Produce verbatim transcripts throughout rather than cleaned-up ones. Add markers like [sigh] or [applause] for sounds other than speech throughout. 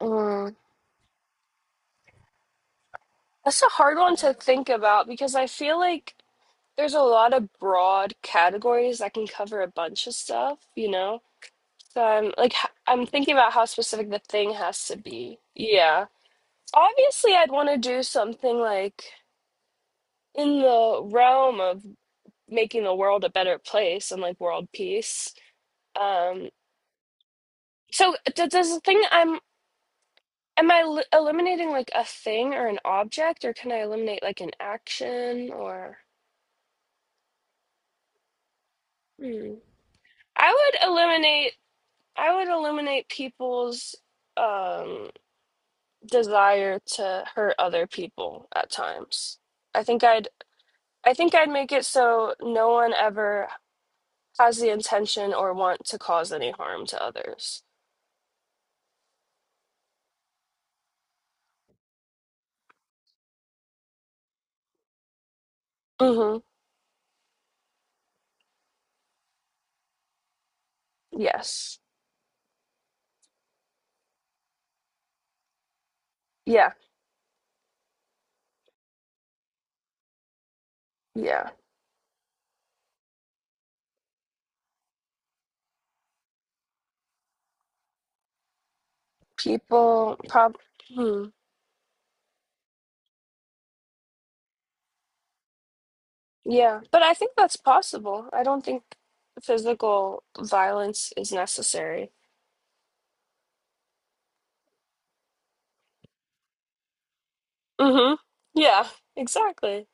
Mm, that's a hard one to think about because I feel like there's a lot of broad categories that can cover a bunch of stuff, you know? So I'm like, h- I'm thinking about how specific the thing has to be. Yeah. Obviously, I'd want to do something like in the realm of making the world a better place and like world peace. Um, so d does the thing I'm am I l eliminating like a thing or an object, or can I eliminate like an action or? Hmm. I would eliminate I would eliminate people's um desire to hurt other people at times. I think I'd I think I'd make it so no one ever has the intention or want to cause any harm to others. Mhm. Yes. Yeah. Yeah. People prob Hmm. Yeah, but I think that's possible. I don't think physical violence is necessary. Mhm. Yeah, exactly.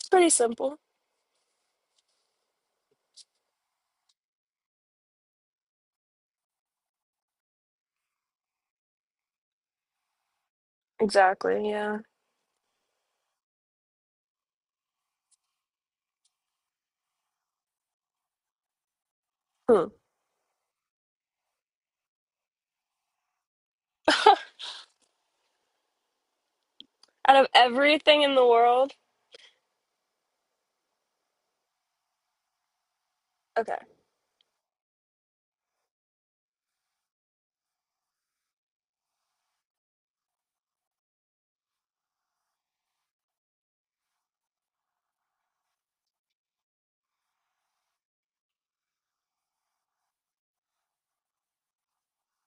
It's pretty simple. Exactly, yeah. Hmm. Out of everything in the world? Okay.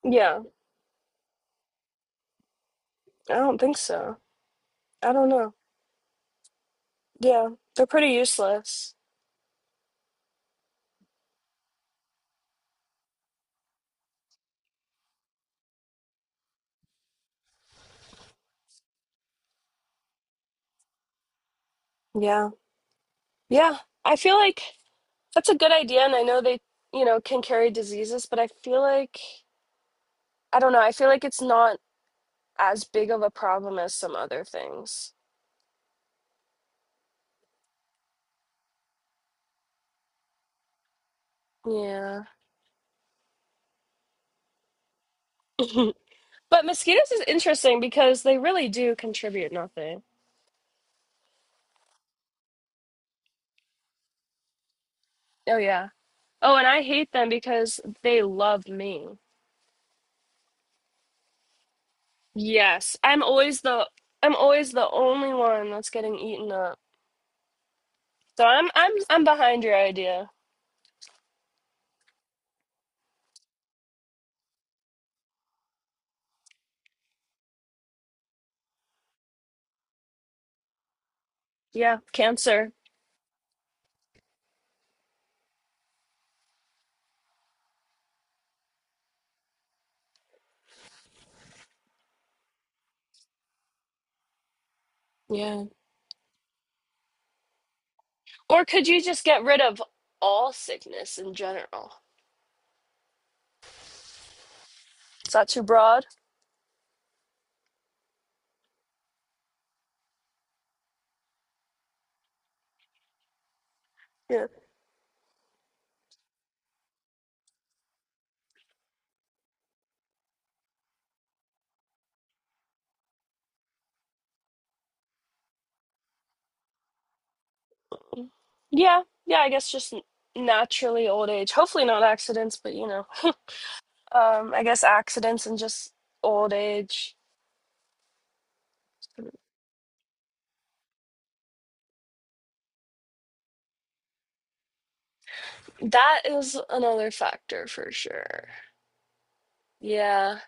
Yeah, I don't think so. I don't know. Yeah, they're pretty useless. Yeah. Yeah, I feel like that's a good idea, and I know they, you know, can carry diseases, but I feel like, I don't know, I feel like it's not as big of a problem as some other things. Yeah. [laughs] But mosquitoes is interesting because they really do contribute nothing. Oh, yeah. Oh, and I hate them because they love me. Yes, I'm always the I'm always the only one that's getting eaten up. So I'm I'm I'm behind your idea. Yeah, cancer. Yeah. Or could you just get rid of all sickness in general? Is that too broad? Yeah. Yeah. Yeah, I guess just n- naturally old age. Hopefully not accidents, but you know. [laughs] Um, I guess accidents and just old age. That is another factor for sure. Yeah.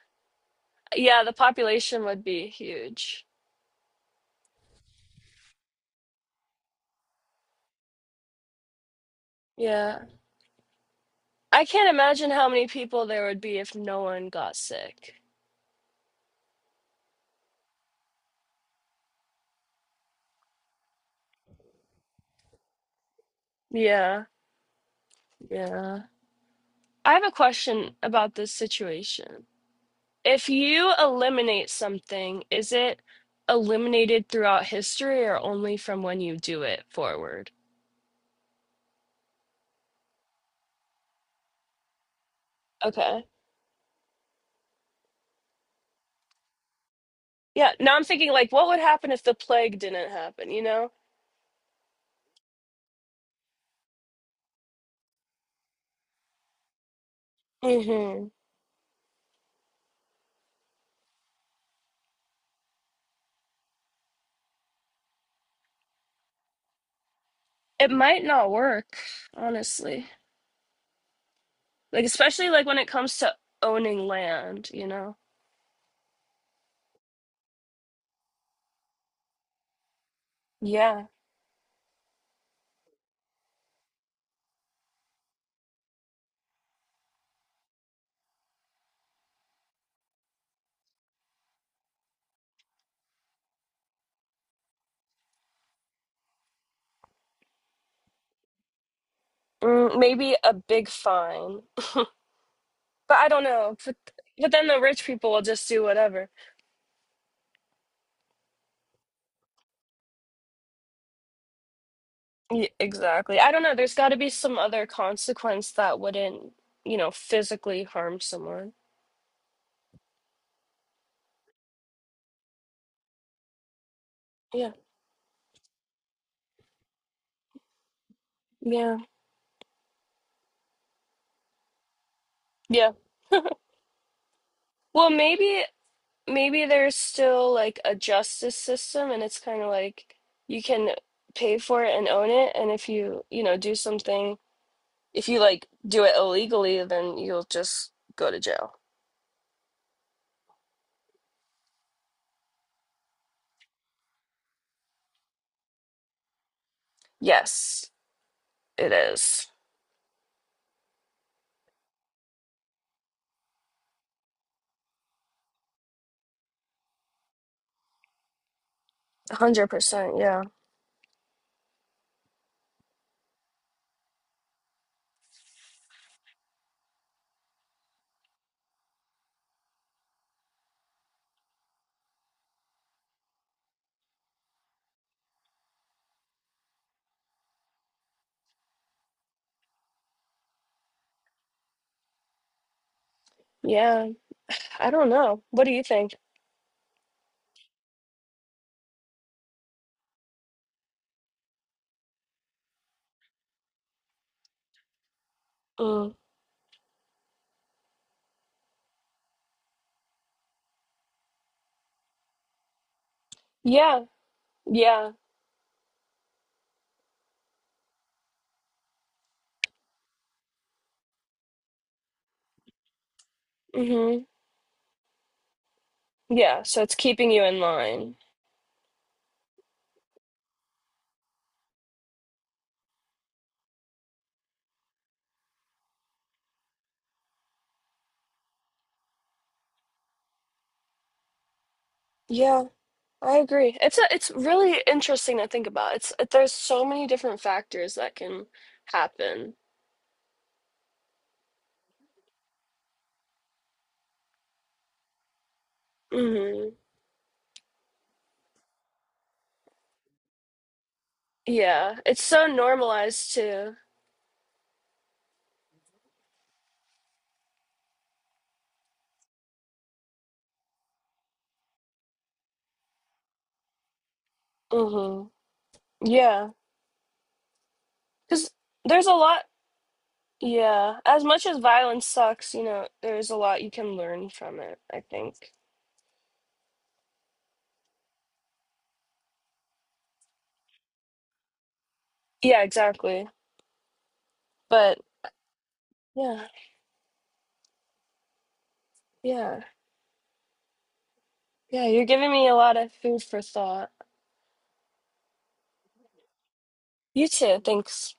Yeah, the population would be huge. Yeah, I can't imagine how many people there would be if no one got sick. Yeah, yeah. I have a question about this situation. If you eliminate something, is it eliminated throughout history or only from when you do it forward? Okay. Yeah, now I'm thinking like what would happen if the plague didn't happen, you know? Hmm. It might not work, honestly. Like especially like when it comes to owning land, you know? Yeah. Mm, maybe a big fine. But I don't know. But, but then the rich people will just do whatever. Y Exactly. I don't know. There's got to be some other consequence that wouldn't, you know, physically harm someone. Yeah. Yeah. Yeah. Well, maybe maybe there's still like a justice system and it's kind of like you can pay for it and own it and if you, you know, do something if you like do it illegally, then you'll just go to jail. Yes, it is. one hundred percent. Yeah. Yeah. I don't know. What do you think? Mm. Yeah, yeah. Hmm. Yeah, so it's keeping you in line. Yeah, I agree. It's a, it's really interesting to think about. It's there's so many different factors that can happen. Hmm. Yeah, it's so normalized too. Hmm. Yeah, because there's a lot. Yeah, as much as violence sucks, you know, there's a lot you can learn from it, I think. Yeah, exactly. But yeah, yeah. Yeah, you're giving me a lot of food for thought. You too. Thanks.